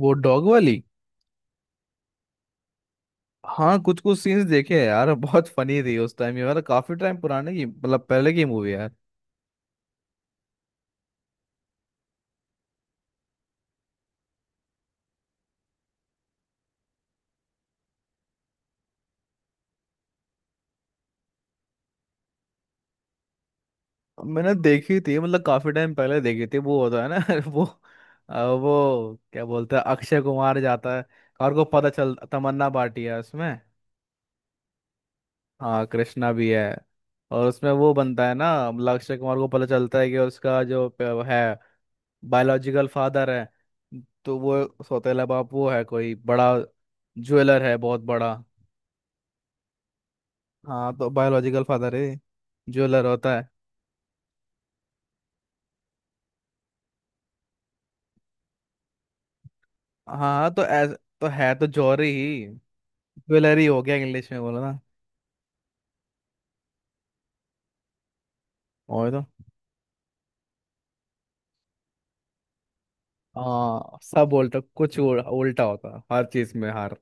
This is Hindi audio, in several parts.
वो डॉग वाली। हाँ, कुछ कुछ सीन्स देखे हैं यार, बहुत फनी थी उस टाइम। ये मतलब काफी टाइम पुराने की मतलब पहले की मूवी है यार। मैंने देखी थी मतलब काफी टाइम पहले देखी थी। वो होता है ना। वो वो क्या बोलते हैं, अक्षय कुमार जाता है और को पता चल तमन्ना भाटिया है उसमें। हाँ, कृष्णा भी है। और उसमें वो बनता है ना, मतलब अक्षय कुमार को पता चलता है कि उसका जो है, बायोलॉजिकल फादर है। तो वो सौतेला बाप वो है, कोई बड़ा ज्वेलर है बहुत बड़ा। हाँ, तो बायोलॉजिकल फादर है। ज्वेलर होता है। हाँ तो ऐस तो है तो जौहरी ही। ज्वेलरी हो गया, इंग्लिश में बोलो ना। और तो हाँ, सब उल्टा कुछ उल्टा होता है हर चीज में हार।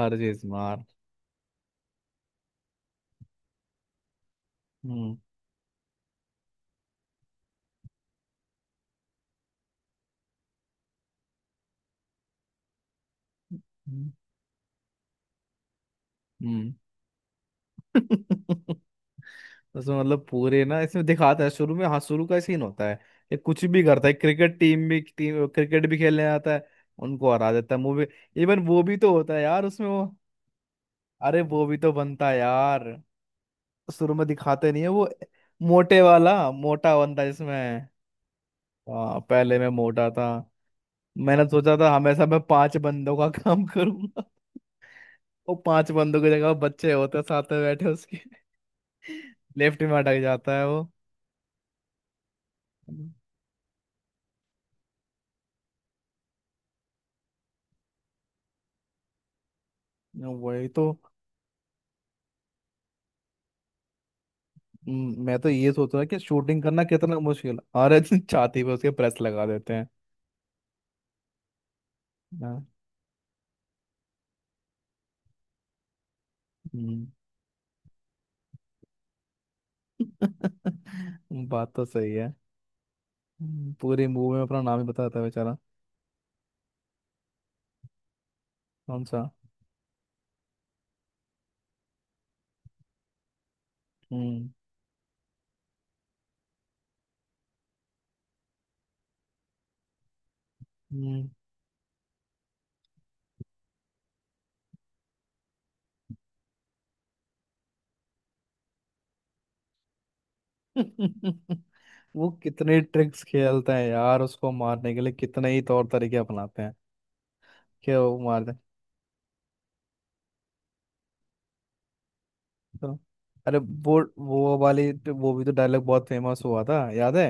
हर चीज में हार। हम्म, हम्म, हम्म। उसमें मतलब पूरे ना इसमें दिखाता है शुरू में। हाँ, शुरू का सीन होता है। ये कुछ भी करता है, क्रिकेट टीम भी टीम क्रिकेट भी खेलने आता है। उनको हरा देता है मूवी। इवन वो भी तो होता है यार उसमें वो। अरे वो भी तो बनता है यार। शुरू में दिखाते नहीं है वो। मोटे वाला मोटा बनता है जिसमें। हाँ, पहले मैं मोटा था। मैंने सोचा था हमेशा मैं पांच बंदों का काम करूंगा। वो पांच बंदों की जगह बच्चे होते हैं साथ में बैठे उसके। लेफ्ट में अटक जाता है वो। वही तो। मैं तो ये सोच रहा कि शूटिंग करना कितना मुश्किल है। अरे छाती पे उसके प्रेस लगा देते हैं। हाँ, हम्म। बात तो सही है। पूरी मूवी में अपना नाम ही बताता है बेचारा। कौन सा? हम्म। वो कितने ट्रिक्स खेलता है यार, उसको मारने के लिए कितने ही तौर तरीके अपनाते हैं कि वो मार दे। तो, अरे वो वो भी तो डायलॉग बहुत फेमस हुआ था याद है।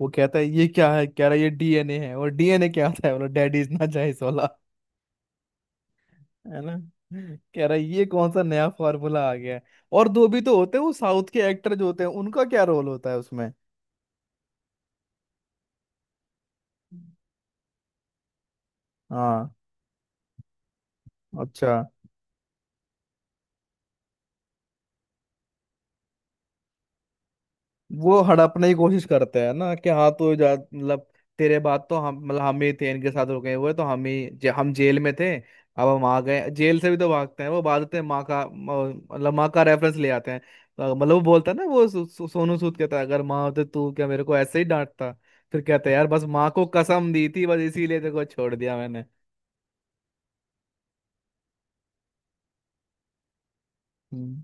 वो कहता है ये क्या है, कह रहा है ये डीएनए है, और डीएनए क्या होता है, बोला डैडी इज नॉट चाइनीज वाला। है ना। कह रहा है ये कौन सा नया फॉर्मूला आ गया है। और दो भी तो होते हैं वो साउथ के एक्टर जो होते हैं, उनका क्या रोल होता है उसमें। हाँ, अच्छा। वो हड़पने की कोशिश करते हैं ना कि हाँ तो जा मतलब तेरे बाद तो हम मतलब हम ही थे इनके साथ रुके हुए तो हम जेल में थे। अब हम आ गए, जेल से भी तो भागते हैं, वो भागते हैं, माँ का मतलब माँ का रेफरेंस ले आते हैं, तो मतलब वो बोलता है ना वो सोनू सूद कहता है अगर माँ होते तू क्या मेरे को ऐसे ही डांटता। फिर कहते हैं यार बस माँ को कसम दी थी बस इसीलिए तेरे को छोड़ दिया मैंने। हम्म,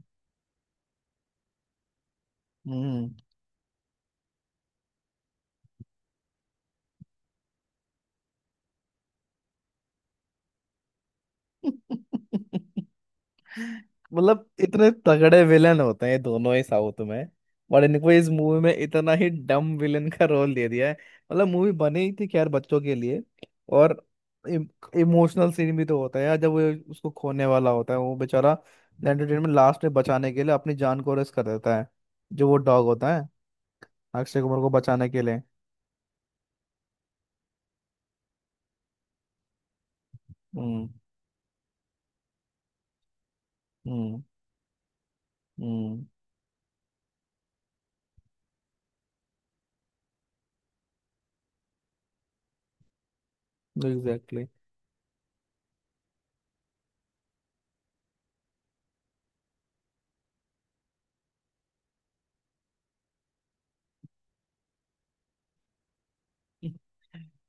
हम्म। मतलब इतने तगड़े विलन होते हैं ये दोनों ही साउथ में, और इनको इस मूवी में इतना ही डम विलन का रोल दे दिया है। मतलब मूवी बनी ही थी खैर बच्चों के लिए। और इमोशनल सीन भी तो होता है यार, जब वो उसको खोने वाला होता है वो बेचारा। एंटरटेनमेंट में लास्ट में बचाने के लिए अपनी जान को रिस्क कर देता है, जो वो डॉग होता है, अक्षय कुमार को बचाने के लिए। हम्म, हम्म, हम्म। एग्जैक्टली।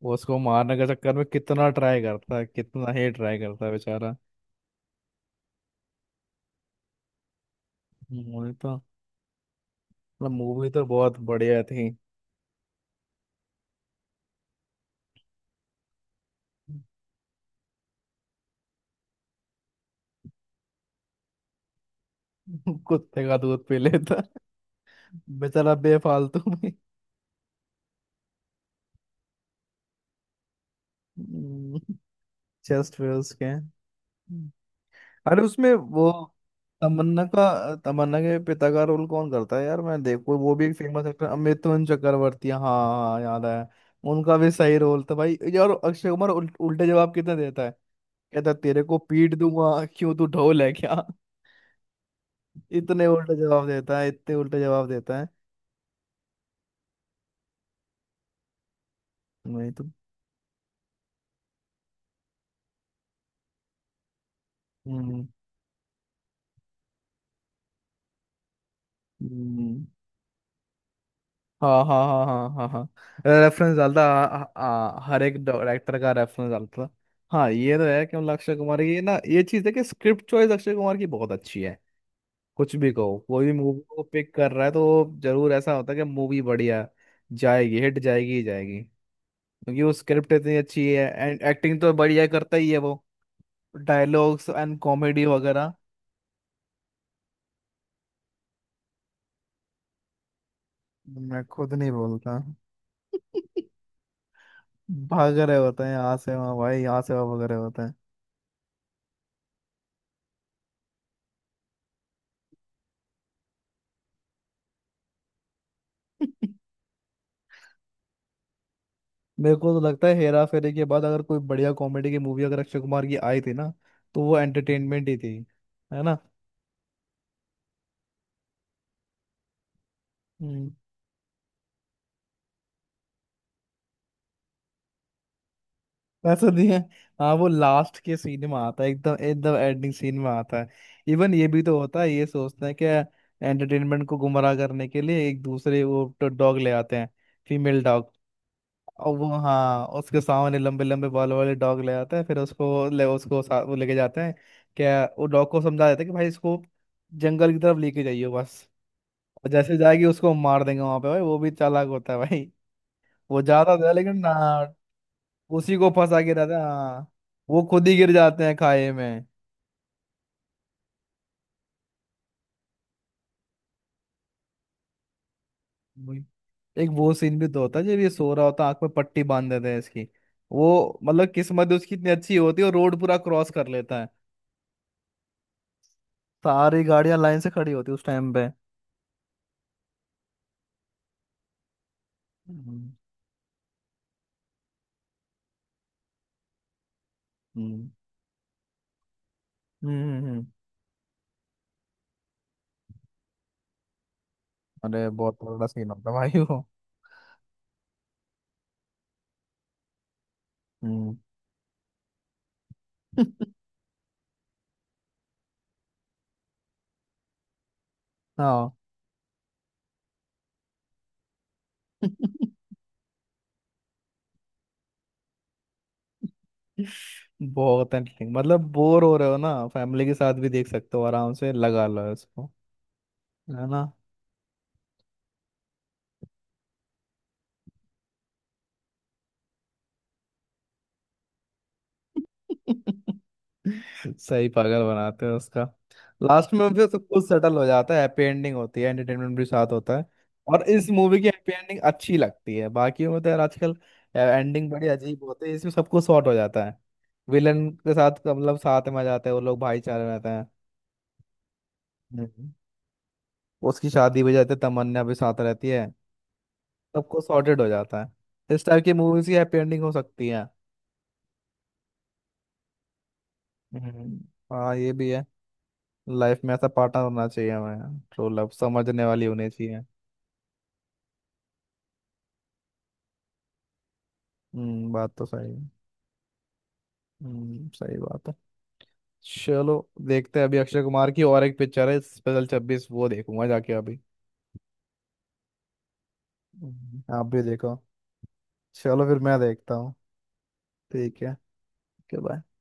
वो उसको मारने के चक्कर में कितना ट्राई करता है, कितना ही ट्राई करता है बेचारा। मूवी तो मतलब मूवी तो बहुत बढ़िया थी। कुत्ते का दूध पी लेता बेचारा बेफालतू में। चेस्ट पे उसके। अरे उसमें वो तमन्ना के पिता का रोल कौन करता है यार, मैं देखो वो भी एक फेमस एक्टर अमितवन चक्रवर्ती, हाँ हाँ हाँ, याद है। उनका भी सही रोल था भाई यार, अक्षय कुमार उल्टे जवाब कितने देता। कहता तेरे को पीट दूंगा, क्यों तू ढोल है क्या। इतने उल्टा जवाब देता है, इतने उल्टा जवाब देता है। नहीं तो। हम्म। हम्म, हाँ हाँ हाँ हाँ हाँ हाँ। रेफरेंस डालता, हाँ, हाँ, हर एक डायरेक्टर का रेफरेंस डालता। हाँ, ये तो है कि मतलब अक्षय कुमार की ना ये चीज़ है कि स्क्रिप्ट चॉइस अक्षय कुमार की बहुत अच्छी है। कुछ भी कहो, कोई भी मूवी को पिक कर रहा है तो जरूर ऐसा होता है कि मूवी बढ़िया जाएगी, हिट जाएगी ही जाएगी। क्योंकि वो स्क्रिप्ट इतनी अच्छी है एंड एक्टिंग तो बढ़िया करता ही है वो, डायलॉग्स एंड कॉमेडी वगैरह। मैं खुद नहीं बोलता। भाग रहे होते हैं यहाँ से वहाँ भाई, यहाँ से वहाँ भाग रहे होते हैं। मेरे को तो लगता है हेरा फेरी के बाद अगर कोई बढ़िया कॉमेडी की मूवी अगर अक्षय कुमार की आई थी ना, तो वो एंटरटेनमेंट ही थी। है ना। हम्म। ऐसा नहीं है। हाँ, वो लास्ट के सीन में आता है, एकदम एकदम एंडिंग सीन में आता है। इवन ये भी तो होता है, ये सोचते हैं कि एंटरटेनमेंट को गुमराह करने के लिए एक दूसरे वो डॉग ले आते हैं, फीमेल डॉग। और वो, हाँ उसके सामने लंबे लंबे बाल वाले डॉग ले आता है, फिर उसको वो लेके जाते हैं। क्या, वो डॉग को समझा देते हैं कि भाई इसको जंगल की तरफ लेके जाइए बस। और जैसे जाएगी उसको मार देंगे वहां पे भाई, वो भी चालाक होता है भाई। वो जाता था लेकिन ना, उसी को फंसा के रहता है, हाँ। वो खुद ही गिर जाते हैं खाए में। वही। एक वो सीन भी तो होता है, जब ये सो रहा होता है आंख में पट्टी बांध देते हैं इसकी। वो मतलब किस्मत उसकी इतनी अच्छी होती है वो रोड पूरा क्रॉस कर लेता है, सारी गाड़ियां लाइन से खड़ी होती है उस टाइम पे। हम्म, हम्म, हम्म, अरे बहुत बड़ा सीन होता है भाई वो। हम्म। हाँ। बहुत एंटरटेनिंग, मतलब बोर हो रहे हो ना फैमिली के साथ भी देख सकते हो आराम से, लगा लो इसको। है ना। सही पागल बनाते हैं उसका। लास्ट में फिर सब कुछ सेटल हो जाता है, हैप्पी एंडिंग होती है, एंटरटेनमेंट भी साथ होता है। और इस मूवी की हैप्पी एंडिंग अच्छी लगती है, बाकी में तो यार आजकल एंडिंग बड़ी अजीब होती है, इसमें सब कुछ सॉर्ट हो जाता है। विलन के साथ मतलब साथ में आ जाते हैं वो लोग, भाईचारे में रहते हैं। हम्म। उसकी शादी भी जाती है, तमन्ना भी साथ रहती है, सबको सॉर्टेड हो जाता है, इस टाइप की मूवीज की हैप्पी एंडिंग हो सकती है। हम्म। हाँ, ये भी है। लाइफ में ऐसा पार्टनर होना चाहिए हमें, ट्रू लव समझने वाली होनी चाहिए। हम्म, बात तो सही है। हम्म, सही बात है। चलो, देखते हैं, अभी अक्षय कुमार की और एक पिक्चर है स्पेशल 26, वो देखूंगा जाके अभी। आप भी देखो। चलो फिर मैं देखता हूँ। ठीक है। Okay, bye.